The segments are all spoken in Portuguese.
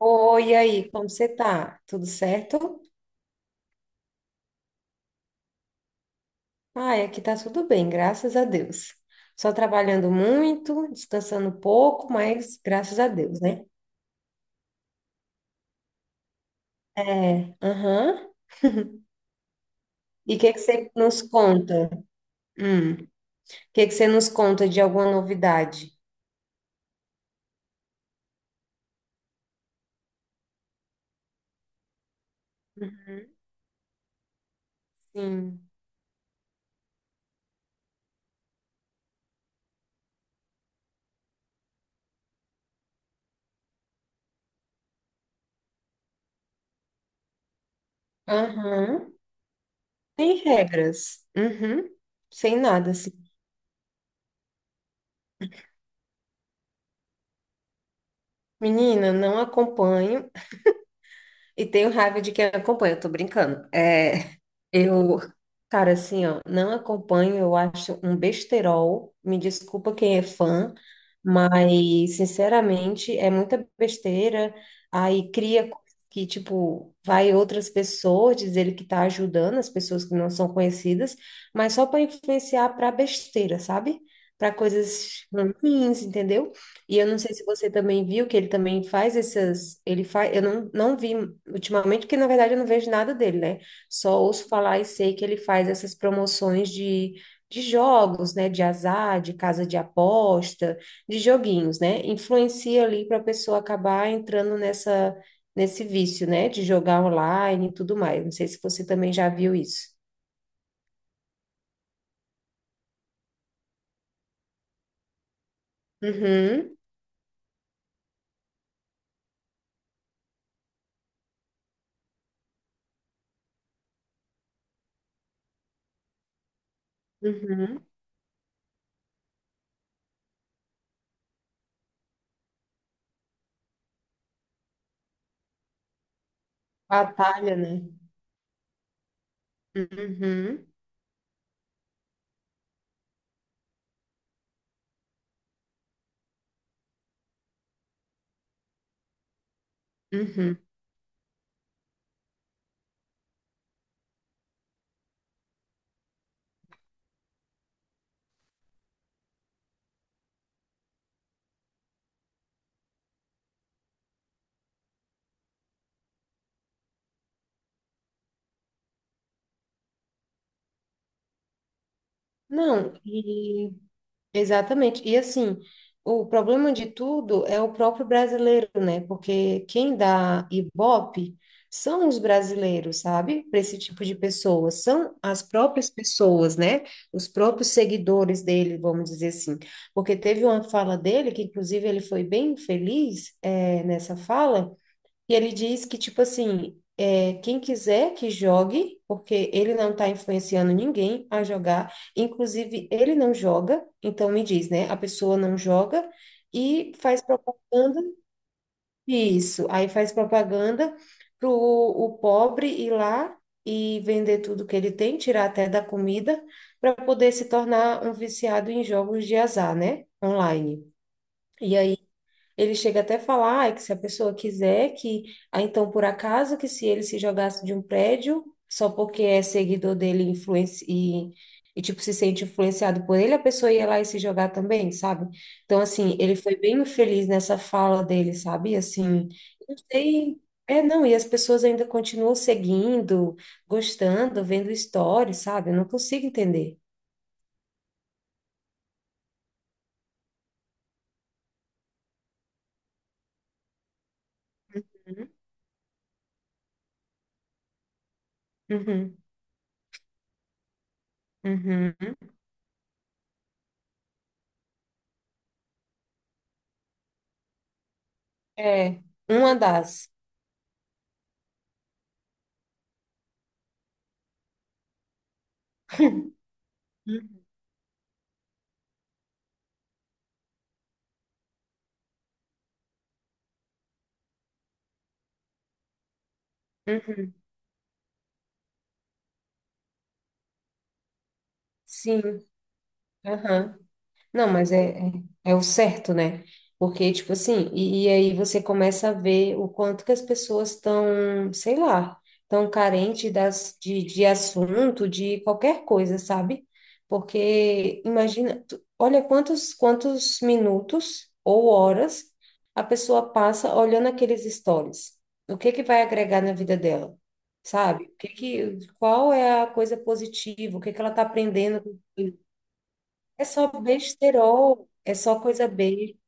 Oi, e aí, como você tá? Tudo certo? Ai, aqui tá tudo bem, graças a Deus. Só trabalhando muito, descansando pouco, mas graças a Deus, né? É, aham. E o que que você nos conta? O que que você nos conta de alguma novidade? Sim. Aham. Sem regras. Uhum. Sem nada, assim. Menina, não acompanho. E tenho raiva de quem acompanha, eu tô brincando. É, eu, cara, assim, ó, não acompanho, eu acho um besterol. Me desculpa quem é fã, mas, sinceramente, é muita besteira. Aí cria coisa que, tipo, vai outras pessoas diz ele que tá ajudando as pessoas que não são conhecidas, mas só para influenciar para besteira, sabe? Para coisas ruins, entendeu? E eu não sei se você também viu que ele também faz essas. Ele faz. Eu não vi ultimamente, porque na verdade eu não vejo nada dele, né? Só ouço falar e sei que ele faz essas promoções de jogos, né? De azar, de casa de aposta, de joguinhos, né? Influencia ali para a pessoa acabar entrando nessa, nesse vício, né? De jogar online e tudo mais. Não sei se você também já viu isso. Uhum, uhum. Batalha, né? Uhum, uhum. Não. Exatamente. E assim, o problema de tudo é o próprio brasileiro, né? Porque quem dá Ibope são os brasileiros, sabe? Para esse tipo de pessoa, são as próprias pessoas, né? Os próprios seguidores dele, vamos dizer assim. Porque teve uma fala dele, que inclusive ele foi bem feliz, nessa fala e ele diz que, tipo assim, é, quem quiser que jogue, porque ele não está influenciando ninguém a jogar, inclusive ele não joga, então me diz, né? A pessoa não joga e faz propaganda, isso, aí faz propaganda pro o pobre ir lá e vender tudo que ele tem, tirar até da comida, para poder se tornar um viciado em jogos de azar, né? Online. E aí ele chega até a falar "Ai, que se a pessoa quiser que, ah, então por acaso que se ele se jogasse de um prédio, só porque é seguidor dele e tipo se sente influenciado por ele, a pessoa ia lá e se jogar também, sabe? Então assim, ele foi bem infeliz nessa fala dele, sabe? Assim, não sei, é não, e as pessoas ainda continuam seguindo, gostando, vendo stories, sabe? Eu não consigo entender. Uhum, uhum, uhum. É, uma das. Uhum. Uhum. Sim. Aham. Não, mas é, é o certo, né? Porque, tipo assim, e aí você começa a ver o quanto que as pessoas estão, sei lá, estão carentes das, de assunto, de qualquer coisa, sabe? Porque imagina, olha quantos minutos ou horas a pessoa passa olhando aqueles stories. O que que vai agregar na vida dela? Sabe? O que que, qual é a coisa positiva? O que que ela está aprendendo? É só besterol, é só coisa besta.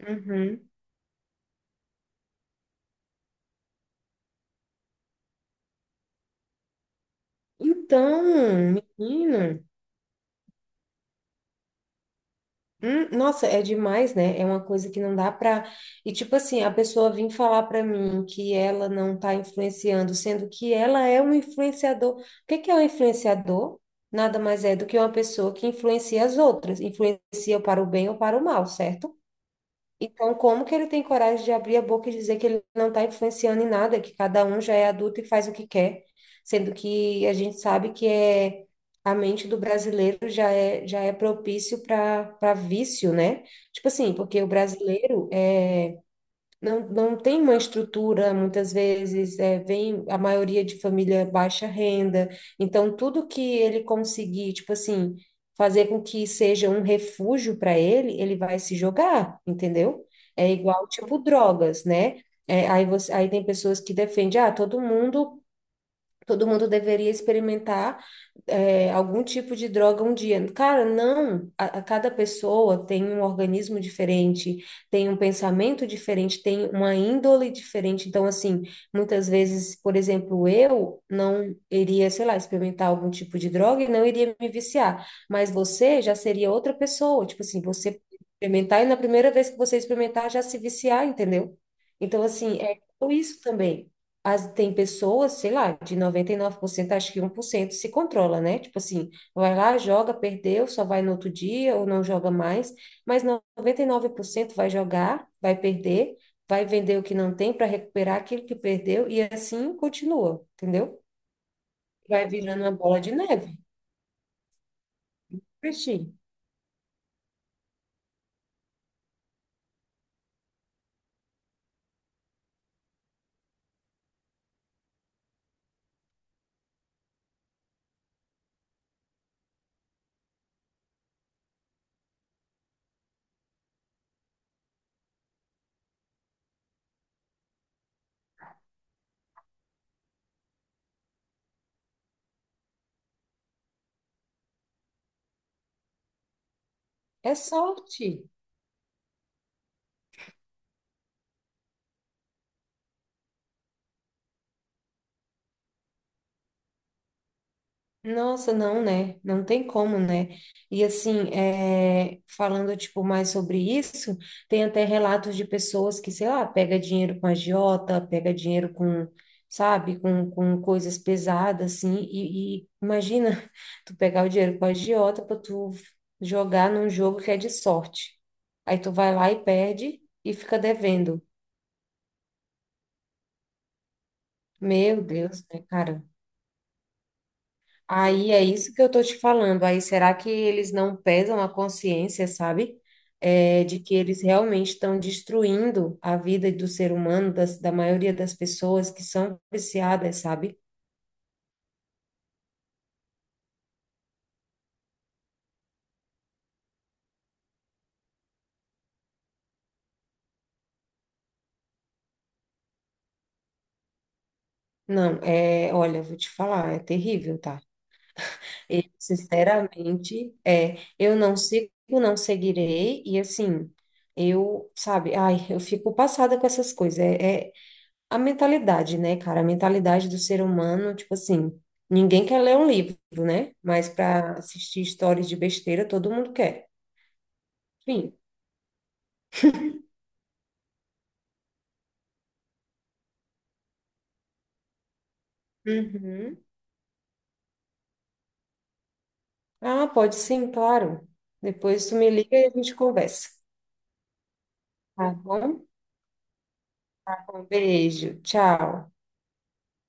Uhum. Então, menino, nossa, é demais, né? É uma coisa que não dá pra. E tipo assim, a pessoa vir falar pra mim que ela não tá influenciando, sendo que ela é um influenciador. O que que é um influenciador? Nada mais é do que uma pessoa que influencia as outras, influencia para o bem ou para o mal, certo? Então, como que ele tem coragem de abrir a boca e dizer que ele não está influenciando em nada, que cada um já é adulto e faz o que quer, sendo que a gente sabe que é a mente do brasileiro já é propício para vício, né? Tipo assim, porque o brasileiro não tem uma estrutura, muitas vezes, vem a maioria de família baixa renda, então tudo que ele conseguir, tipo assim, fazer com que seja um refúgio para ele, ele vai se jogar, entendeu? É igual, tipo, drogas, né? É, aí, aí tem pessoas que defendem, ah, todo mundo todo mundo deveria experimentar algum tipo de droga um dia. Cara, não. A cada pessoa tem um organismo diferente, tem um pensamento diferente, tem uma índole diferente. Então, assim, muitas vezes, por exemplo, eu não iria, sei lá, experimentar algum tipo de droga e não iria me viciar. Mas você já seria outra pessoa. Tipo assim, você experimentar e na primeira vez que você experimentar já se viciar, entendeu? Então, assim, é isso também. Tem pessoas, sei lá, de 99%, acho que 1% se controla, né? Tipo assim, vai lá, joga, perdeu, só vai no outro dia ou não joga mais, mas 99% vai jogar, vai perder, vai vender o que não tem para recuperar aquilo que perdeu e assim continua, entendeu? Vai virando uma bola de neve. Presti, é sorte. Nossa, não, né? Não tem como, né? E assim, falando tipo mais sobre isso, tem até relatos de pessoas que, sei lá, pega dinheiro com agiota, pega dinheiro com, sabe, com coisas pesadas, assim, e imagina tu pegar o dinheiro com agiota pra tu jogar num jogo que é de sorte. Aí tu vai lá e perde e fica devendo. Meu Deus, né, cara? Aí é isso que eu tô te falando. Aí será que eles não pesam a consciência, sabe? É, de que eles realmente estão destruindo a vida do ser humano, das, da maioria das pessoas que são viciadas, sabe? Não, olha, vou te falar, é terrível, tá? Eu, sinceramente, eu não sigo, não seguirei, e assim, eu, sabe, ai, eu fico passada com essas coisas. A mentalidade, né, cara? A mentalidade do ser humano, tipo assim, ninguém quer ler um livro, né? Mas para assistir histórias de besteira, todo mundo quer. Enfim. Uhum. Ah, pode sim, claro. Depois tu me liga e a gente conversa. Tá bom? Um beijo. Tchau.